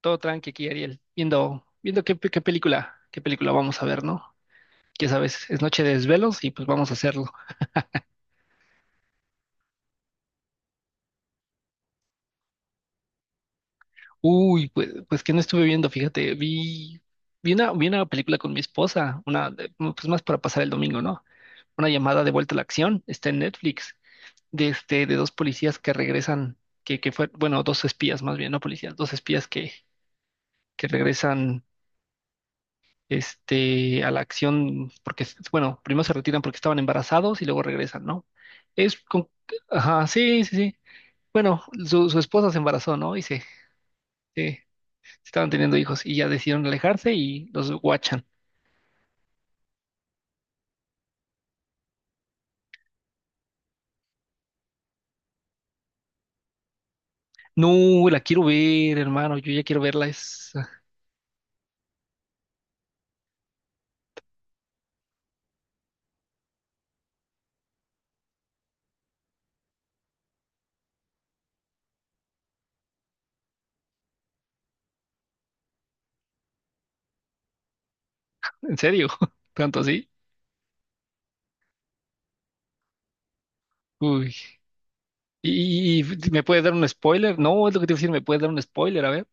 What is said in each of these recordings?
Todo tranqui aquí, Ariel. Viendo qué película vamos a ver, ¿no? Ya sabes, es noche de desvelos y pues vamos a hacerlo. Uy, pues que no estuve viendo, fíjate, vi una película con mi esposa, una, no, pues más para pasar el domingo, ¿no? Una llamada de vuelta a la acción, está en Netflix, de este, de dos policías que regresan, que fue, bueno, dos espías más bien, no policías, dos espías que regresan este, a la acción, porque, bueno, primero se retiran porque estaban embarazados y luego regresan, ¿no? Es con, ajá, sí, sí, sí. Bueno, su esposa se embarazó, ¿no? Y se- estaban teniendo hijos y ya decidieron alejarse y los guachan. No, la quiero ver, hermano, yo ya quiero verla, en serio, tanto así. Uy, ¿me puedes dar un spoiler? No, es lo que te iba a decir, ¿me puedes dar un spoiler? A ver,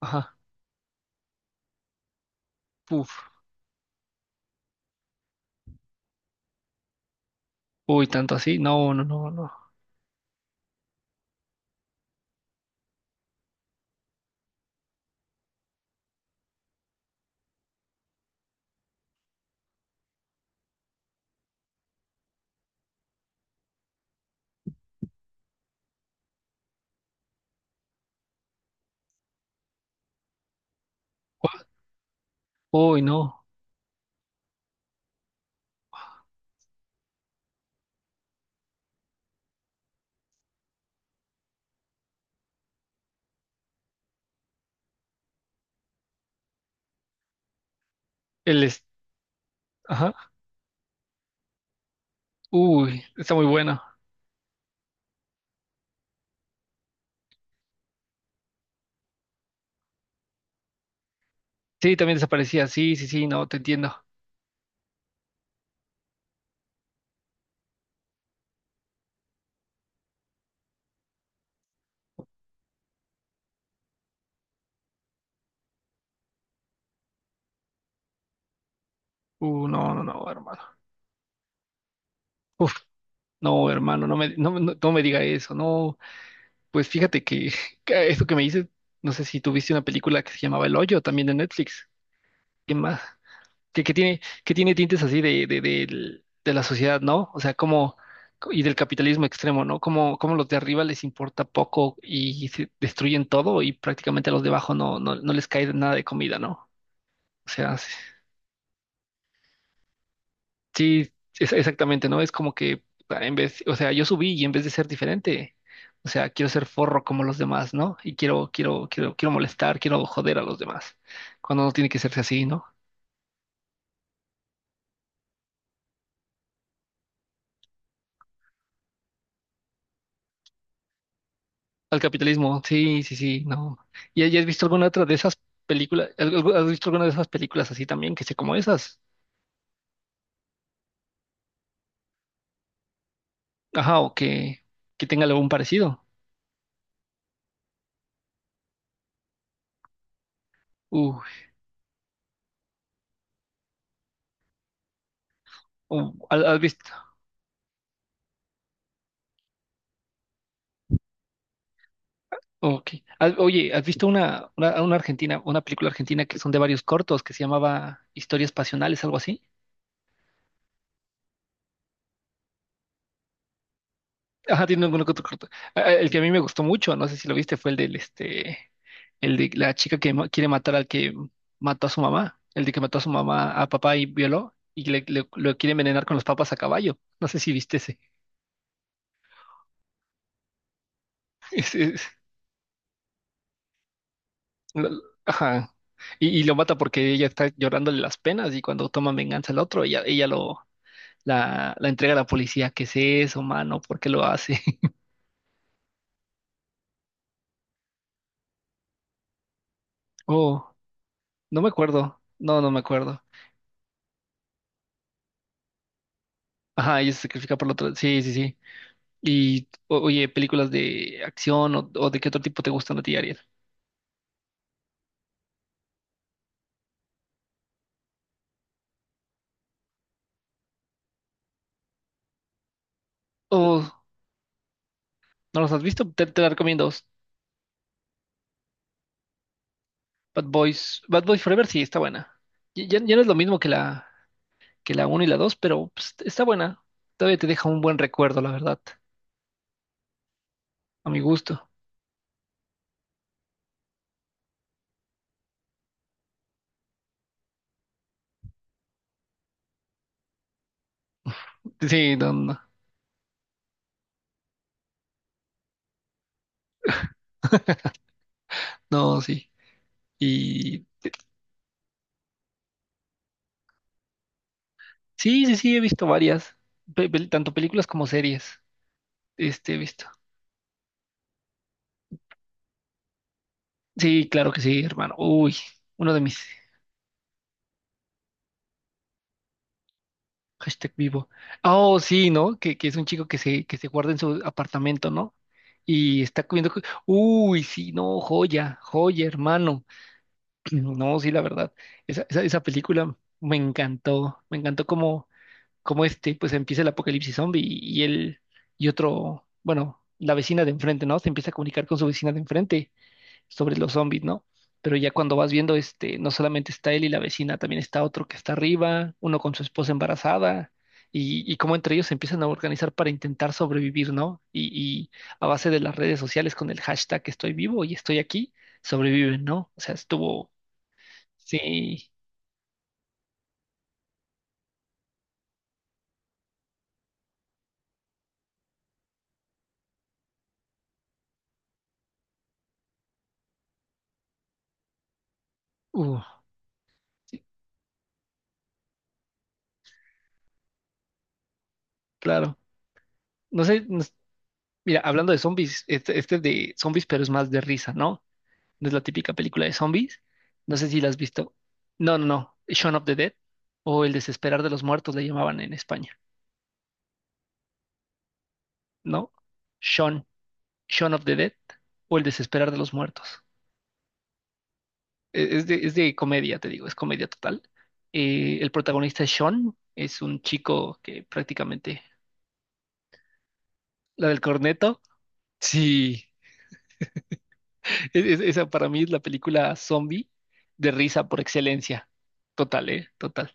ajá, puf, uy, tanto así, no, no, no, no, uy, no, el, es- ajá. Uy, está muy bueno. Sí, también desaparecía. Sí, sí, sí, no, te entiendo. No, no, no, hermano. Uf, no, hermano, no me diga eso. No, pues fíjate que, que eso que me dices, no sé si tuviste una película que se llamaba El Hoyo, también de Netflix. ¿Qué más? Que tiene tintes así de la sociedad, ¿no? O sea, y del capitalismo extremo, ¿no? Como los de arriba les importa poco y se destruyen todo y prácticamente a los de abajo no les cae nada de comida, ¿no? O sea, sí. Sí, exactamente, ¿no? Es como que ah, en vez, o sea, yo subí y en vez de ser diferente, o sea, quiero ser forro como los demás, ¿no? Y quiero molestar, quiero joder a los demás, cuando no tiene que serse así, ¿no? Al capitalismo, sí, sí, sí, no. ¿Y has visto alguna otra de esas películas? ¿Has visto alguna de esas películas así también, que sea como esas? Ajá, o que tenga algún parecido. Uh, ¿Has visto? Ok. Ah, oye, ¿has visto una película argentina que son de varios cortos que se llamaba Historias Pasionales, algo así? Ajá, tiene alguno que otro corto. Ah, ah, el que a mí me gustó mucho, no sé si lo viste, fue el del este, el de la chica que quiere matar al que mató a su mamá, el de que mató a su mamá, a papá y violó, y lo quiere envenenar con los papas a caballo. No sé si viste ese. Ese es- lo- ajá. Y lo mata porque ella está llorándole las penas y cuando toma venganza al otro, ella lo, la entrega a la policía. ¿Qué es eso, mano? ¿Por qué lo hace? Oh, no me acuerdo. No, no me acuerdo. Ajá, ella se sacrifica por la otra. Sí, sí, sí. Y, oye, películas de acción o de qué otro tipo te gustan a ti, Ariel. Oh, ¿no los has visto? Te la recomiendo. Bad Boys. Bad Boys Forever sí está buena. Ya no es lo mismo que la uno y la 2 pero pues, está buena. Todavía te deja un buen recuerdo, la verdad. A mi gusto. Sí, no, no, no, sí. Y sí, sí, sí, he visto varias, tanto películas como series. He visto. Sí, claro que sí, hermano. Uy, uno de mis Hashtag Vivo. Oh, sí, ¿no? Que es un chico que se guarda en su apartamento, ¿no? Y está comiendo. Uy, sí, no, joya, joya, hermano. No, sí, la verdad. Esa película me encantó. Me encantó como pues empieza el apocalipsis zombie y él y otro, bueno, la vecina de enfrente, ¿no? Se empieza a comunicar con su vecina de enfrente sobre los zombies, ¿no? Pero ya cuando vas viendo, no solamente está él y la vecina, también está otro que está arriba, uno con su esposa embarazada, y cómo entre ellos se empiezan a organizar para intentar sobrevivir, ¿no? Y a base de las redes sociales con el hashtag estoy vivo y estoy aquí, sobreviven, ¿no? O sea, estuvo, sí, uh, sí, claro. No sé, no s- mira, hablando de zombies, este es de zombies, pero es más de risa, ¿no? No es la típica película de zombies. No sé si la has visto. No, no, no. Shaun of the Dead o El Desesperar de los Muertos le llamaban en España, ¿no? Shaun, Shaun of the Dead o El Desesperar de los Muertos. Es de comedia, te digo, es comedia total. El protagonista es Shaun, es un chico que prácticamente... La del corneto. Sí, esa para mí es la película zombie de risa por excelencia. Total, ¿eh? Total.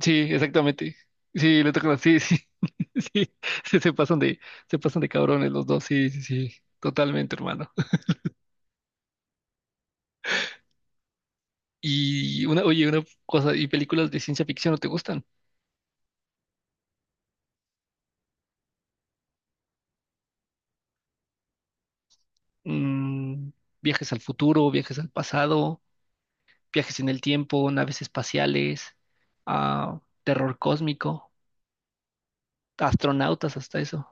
Sí, exactamente. Sí, le tocan así, sí, sí, sí, se pasan de cabrones los dos, sí, sí, sí, totalmente, hermano. Y oye, una cosa, ¿y películas de ciencia ficción no te gustan? Mm, Viajes al futuro, viajes al pasado, viajes en el tiempo, naves espaciales, ah, terror cósmico, astronautas, hasta eso.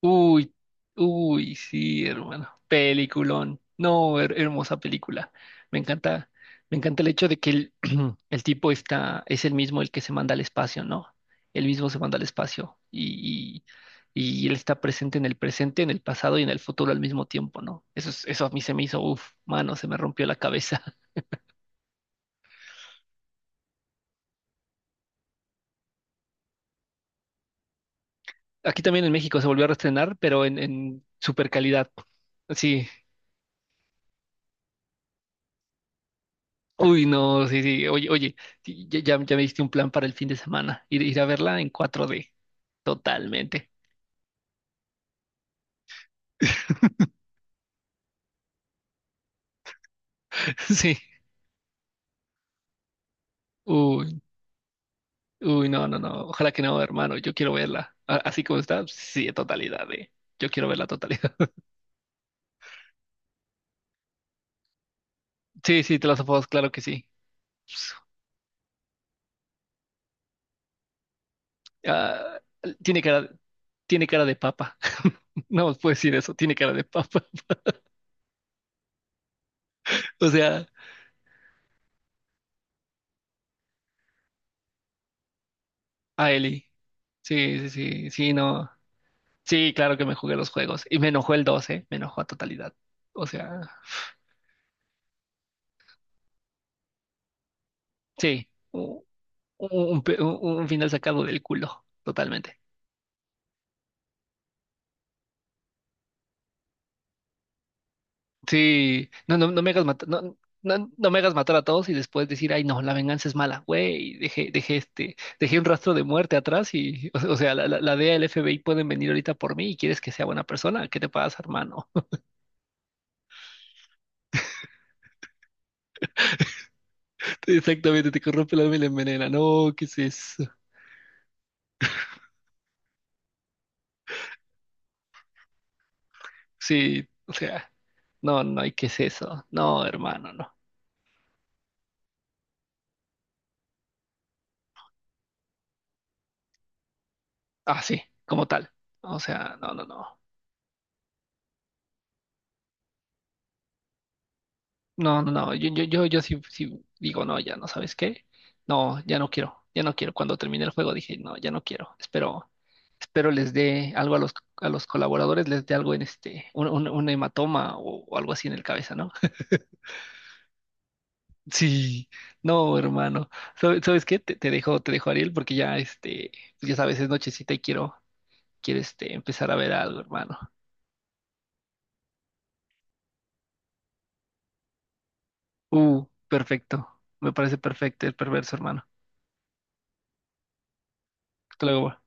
Uy, uy, sí, hermano. Peliculón. No, hermosa película. Me encanta, me encanta el hecho de que el tipo es el mismo el que se manda al espacio, ¿no? El mismo se manda al espacio y él está presente, en el pasado y en el futuro al mismo tiempo, ¿no? Eso, eso a mí se me hizo, uff, mano, se me rompió la cabeza. Aquí también en México se volvió a reestrenar, pero en super calidad. Sí, uy, no, sí, sí. Oye, oye, sí, ya me diste un plan para el fin de semana. Ir a verla en 4D. Totalmente. Sí. Uy, uy, no, no, no. Ojalá que no, hermano. Yo quiero verla. Así como está, sí, en totalidad, eh. Yo quiero ver la totalidad. Sí, sí, te las of Us, claro que sí. Ah, tiene cara, tiene cara de papa. No puedo decir eso, tiene cara de papa. O sea, a Eli. Sí, sí, sí, sí, no. Sí, claro que me jugué los juegos. Y me enojó el 12, me enojó a totalidad. O sea, sí, u- un final sacado del culo, totalmente. Sí, no, no, no me hagas matar, no, no, no me hagas matar a todos y después decir, ay, no, la venganza es mala, güey. Dejé un rastro de muerte atrás y, o sea, la, la DEA, el FBI pueden venir ahorita por mí y quieres que sea buena persona. ¿Qué te pasa, hermano? Exactamente, te corrompe el alma y la envenena. No, ¿qué es eso? Sí, o sea, no, no, ¿y qué es eso? No, hermano, no. Ah, sí, como tal. O sea, no, no, no. No, no, no. Yo sí, digo, no, ya no sabes qué. No, ya no quiero, ya no quiero. Cuando terminé el juego dije, no, ya no quiero. Espero les dé algo a los colaboradores, les dé algo en un hematoma o algo así en el cabeza, ¿no? Sí, no, hermano. ¿Sabes qué? Te dejo, Ariel, porque ya, pues ya sabes, es nochecita y quiero empezar a ver algo, hermano. Perfecto. Me parece perfecto el perverso, hermano. Hasta luego.